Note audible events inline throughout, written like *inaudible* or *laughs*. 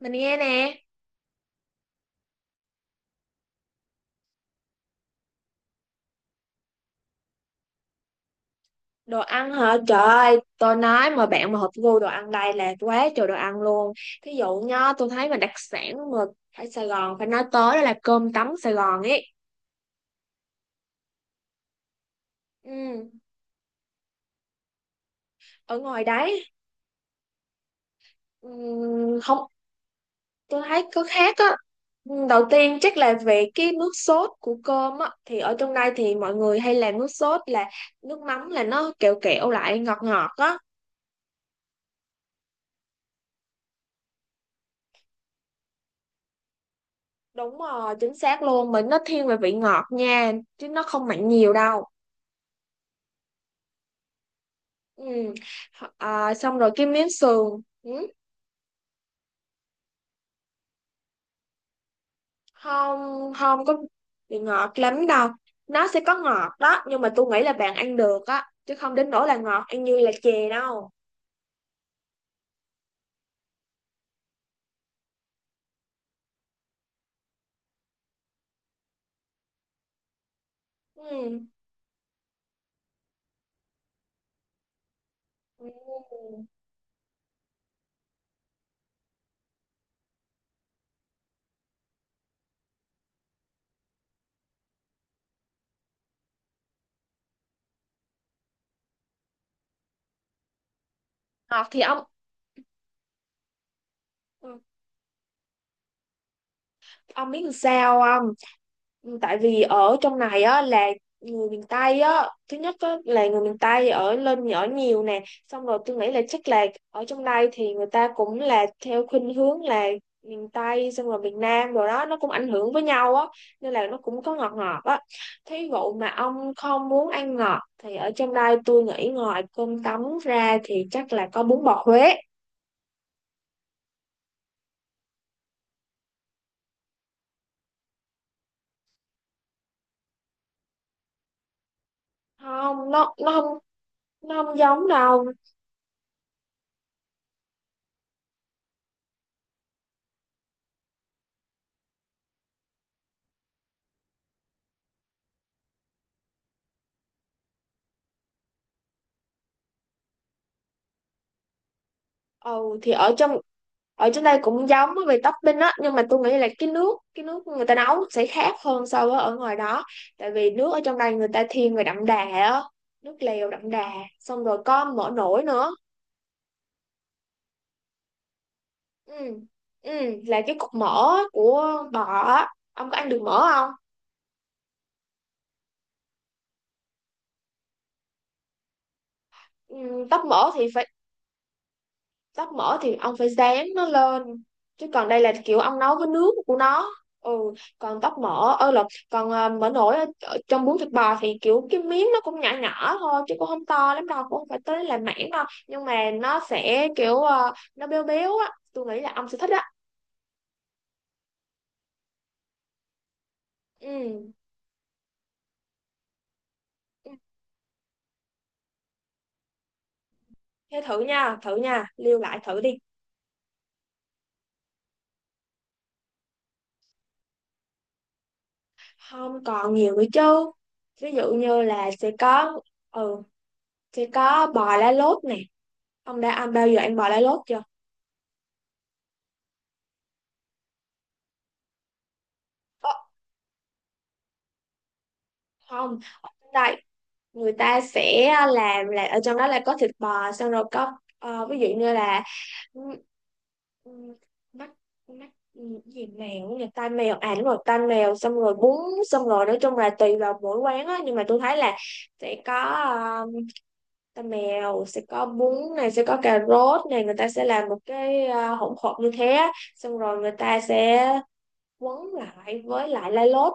Mình nghe nè. Đồ ăn hả? Trời ơi, tôi nói mà bạn mà hợp gu đồ ăn đây là quá trời đồ ăn luôn. Thí dụ nhá, tôi thấy mà đặc sản mà ở Sài Gòn phải nói tới đó là cơm tấm Sài Gòn ấy. Ừ, ở ngoài đấy, ừ, không, tôi thấy có khác á. Đầu tiên chắc là về cái nước sốt của cơm á, thì ở trong đây thì mọi người hay làm nước sốt là nước mắm, là nó kẹo kẹo lại, ngọt ngọt á. Đúng rồi, chính xác luôn, mình nó thiên về vị ngọt nha, chứ nó không mặn nhiều đâu. Ừ. À, xong rồi cái miếng sườn. Ừ. Không không có bị ngọt lắm đâu, nó sẽ có ngọt đó nhưng mà tôi nghĩ là bạn ăn được á, chứ không đến nỗi là ngọt ăn như là chè đâu. Ừ. Ừ. Ngọt thì ông, ừ. Ông biết làm sao không? Ừ, tại vì ở trong này á là người miền Tây á, thứ nhất á, là người miền Tây ở lên ở nhiều nè, xong rồi tôi nghĩ là chắc là ở trong đây thì người ta cũng là theo khuynh hướng là miền Tây, xong rồi miền Nam rồi đó, nó cũng ảnh hưởng với nhau á, nên là nó cũng có ngọt ngọt á. Thí dụ mà ông không muốn ăn ngọt thì ở trong đây tôi nghĩ ngoài cơm tấm ra thì chắc là có bún bò Huế. Không, nó không, nó không giống đâu. Ừ thì ở trên đây cũng giống á về topping á, nhưng mà tôi nghĩ là cái nước người ta nấu sẽ khác hơn so với ở ngoài đó. Tại vì nước ở trong đây người ta thiên về đậm đà á, nước lèo đậm đà, xong rồi có mỡ nổi nữa. Ừ. Ừ, là cái cục mỡ của bò á, ông có ăn được mỡ không? Ừ, tóp mỡ thì tóc mỡ thì ông phải rán nó lên, chứ còn đây là kiểu ông nấu với nước của nó. Ừ. còn tóc mỡ ơ là Còn mỡ nổi ở trong bún thịt bò thì kiểu cái miếng nó cũng nhỏ nhỏ thôi, chứ cũng không to lắm đâu, cũng không phải tới là mảng đâu, nhưng mà nó sẽ kiểu nó béo béo á, tôi nghĩ là ông sẽ thích á. Ừ. Ừ. Thế thử nha, thử nha, lưu lại thử đi. Không, còn nhiều nữa chứ. Ví dụ như là ừ sẽ có bò lá lốt nè. Ông đã ăn, bao giờ ăn bò lá lốt chưa? Không, ở trong đây người ta sẽ làm là, ở trong đó là có thịt bò, xong rồi có ví dụ như là, ừ, ừ, mắt, mắt gì mèo nhỉ, tai mèo, à đúng rồi, tai mèo, xong rồi bún. Xong rồi nói chung là tùy vào mỗi quán á, nhưng mà tôi thấy là sẽ có tai mèo, sẽ có bún này, sẽ có cà rốt này, người ta sẽ làm một cái hỗn hợp như thế á. Xong rồi người ta sẽ quấn lại với lại lá lốt.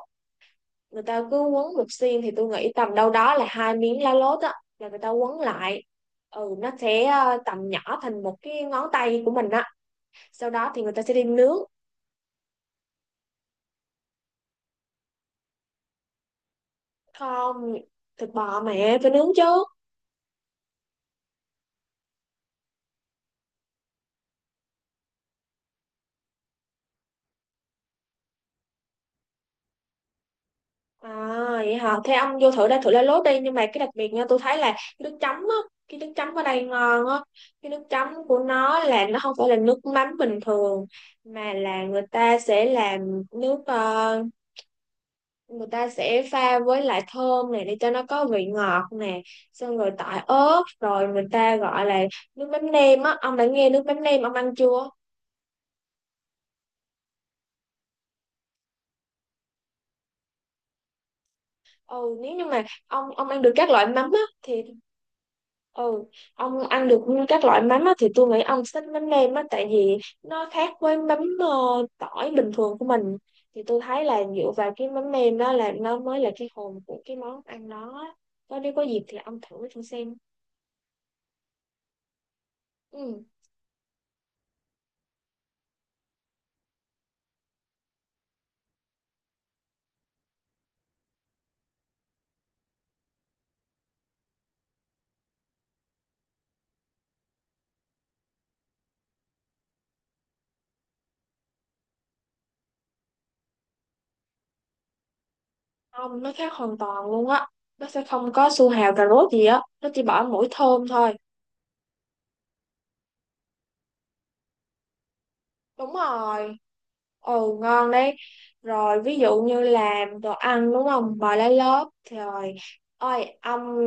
Người ta cứ quấn một xiên thì tôi nghĩ tầm đâu đó là hai miếng lá lốt á, là người ta quấn lại. Ừ, nó sẽ tầm nhỏ thành một cái ngón tay của mình á, sau đó thì người ta sẽ đi nướng. Không, thịt bò mẹ phải nướng chứ. À vậy hả, thế ông vô thử đây, thử lá lốt đi, nhưng mà cái đặc biệt nha, tôi thấy là cái nước chấm á, cái nước chấm ở đây ngon á. Cái nước chấm của nó là nó không phải là nước mắm bình thường, mà là người ta sẽ làm nước người ta sẽ pha với lại thơm này để cho nó có vị ngọt nè, xong rồi tỏi ớt, rồi người ta gọi là nước mắm nêm á. Ông đã nghe nước mắm nêm, ông ăn chưa? Ừ, nếu như mà ông ăn được các loại mắm á thì, ừ, ông ăn được các loại mắm á thì tôi nghĩ ông thích mắm nêm á, tại vì nó khác với mắm tỏi bình thường của mình. Thì tôi thấy là dựa vào cái mắm nêm đó, là nó mới là cái hồn của cái món ăn đó. Có, nếu có dịp thì ông thử thử xem. Ừ. Không, nó khác hoàn toàn luôn á. Nó sẽ không có su hào cà rốt gì á. Nó chỉ bỏ mỗi thơm thôi. Đúng rồi. Ồ, ngon đấy. Rồi, ví dụ như làm đồ ăn, đúng không? Bò lá lốt. Thì rồi, ôi, ông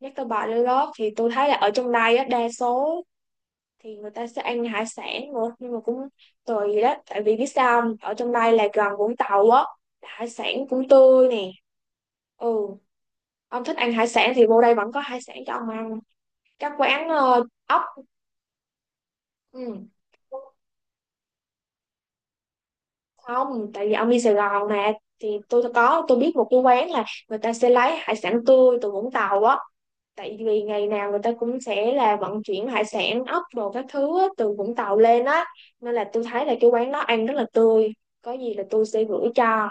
nhắc tới bò lá lốt thì tôi thấy là ở trong đây á, đa số thì người ta sẽ ăn hải sản nữa. Nhưng mà cũng tùy đó. Tại vì biết sao không? Ở trong đây là gần Vũng Tàu á. Hải sản cũng tươi nè. Ừ, ông thích ăn hải sản thì vô đây vẫn có hải sản cho ông ăn. Các quán ốc. Ừ. Không, tại vì ông đi Sài Gòn nè, thì tôi biết một cái quán là người ta sẽ lấy hải sản tươi từ Vũng Tàu á, tại vì ngày nào người ta cũng sẽ là vận chuyển hải sản, ốc đồ các thứ á, từ Vũng Tàu lên á, nên là tôi thấy là cái quán đó ăn rất là tươi, có gì là tôi sẽ gửi cho.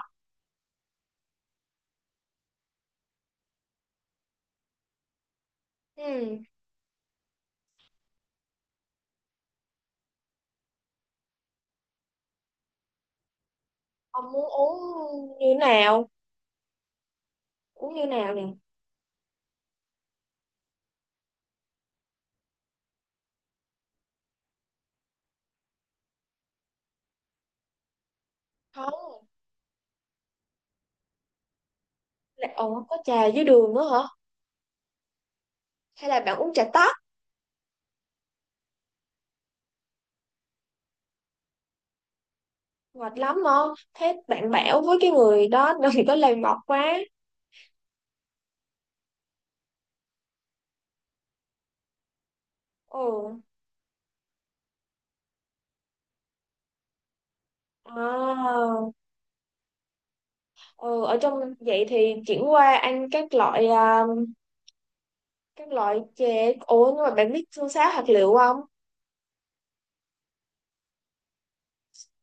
Ừ. Ông muốn uống như nào, uống như nào nè? Không, là ồ, có trà dưới đường nữa hả, hay là bạn uống trà tóc? Mệt lắm không? Thế bạn bảo với cái người đó *laughs* đừng có làm ngọt quá. Ừ. À, ừ, ở trong vậy thì chuyển qua ăn các loại chè. Ủa nhưng mà bạn biết xương sáo hạt lựu không?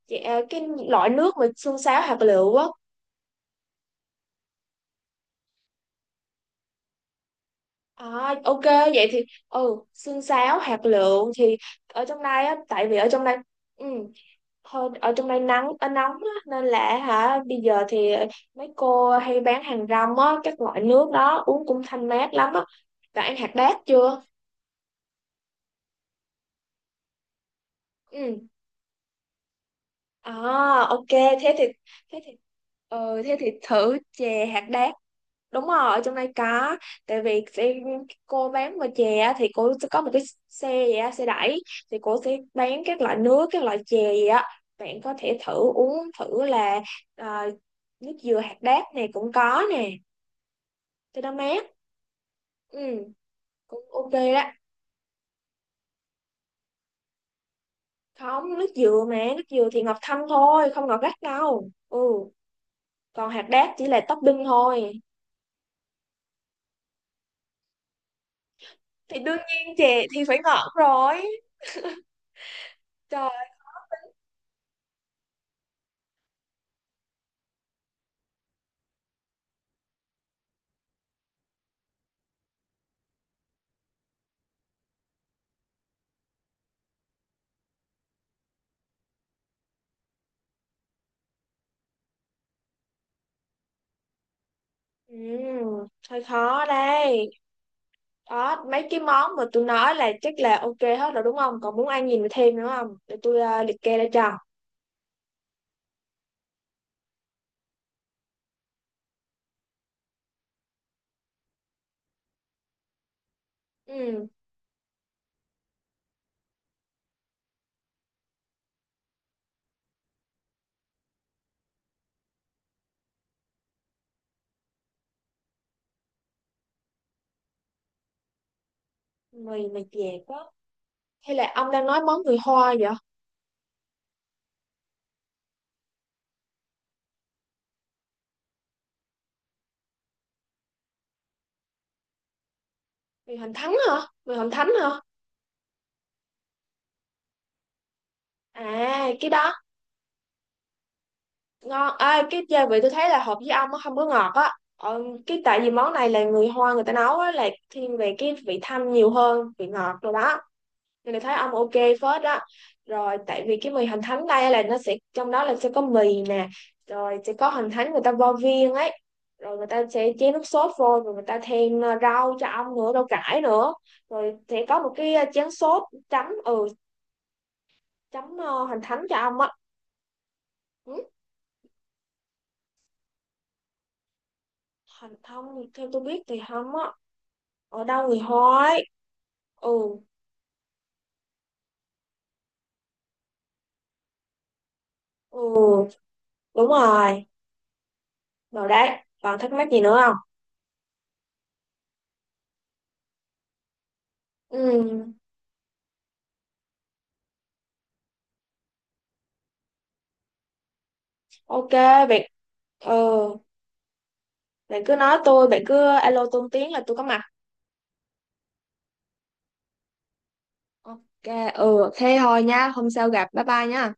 Chè, à, cái loại nước mà xương sáo hạt lựu á. À, ok, vậy thì, xương sáo hạt lựu thì ở trong đây á, tại vì ở trong đây, ừ, thôi, ở trong đây nắng nóng á, nên là hả, bây giờ thì mấy cô hay bán hàng rong á, các loại nước đó uống cũng thanh mát lắm á. Bạn ăn hạt đác chưa? Ừ. À, ok, thế thì thế thì thử chè hạt đác. Đúng rồi, ở trong đây có. Tại vì cô bán về chè á, thì cô sẽ có một cái xe vậy á, xe đẩy, thì cô sẽ bán các loại nước, các loại chè gì á. Bạn có thể thử uống thử là ờ, nước dừa hạt đác này cũng có nè, thì nó mát. Ừ. Cũng ok đó. Không, nước dừa thì ngọt thanh thôi, không ngọt gắt đâu. Ừ, còn hạt đác chỉ là topping thôi. Thì đương nhiên chè thì phải ngọt rồi. Trời. Ừ, hơi khó đây. Đó, mấy cái món mà tôi nói là chắc là ok hết rồi đúng không, còn muốn ăn gì mà thêm nữa không để tôi liệt kê ra cho. Ừ. Mì mà chè quá, hay là ông đang nói món người Hoa vậy? Mì hoành thánh hả? Mì hoành thánh hả? À, cái đó ngon à, cái gia vị tôi thấy là hợp với ông, nó không có ngọt á, cái tại vì món này là người Hoa người ta nấu á, là thiên về cái vị thanh nhiều hơn vị ngọt rồi đó, nên là thấy ông ok phết đó. Rồi, tại vì cái mì hành thánh đây là nó sẽ, trong đó là sẽ có mì nè, rồi sẽ có hành thánh người ta vo viên ấy, rồi người ta sẽ chế nước sốt vô, rồi người ta thêm rau cho ông nữa, rau cải nữa, rồi sẽ có một cái chén sốt chấm. Ừ, hành thánh cho ông á. Ừ, hành thông theo tôi biết thì không á. Ở đâu người hói. Ừ. Ừ đúng rồi. Rồi đấy, còn thắc mắc gì nữa không? Ừ. Ok. Bạn, ừ, bạn cứ alo tôi một tiếng là tôi có mặt. Ok. Ừ, thế thôi nha, hôm sau gặp, bye bye nha.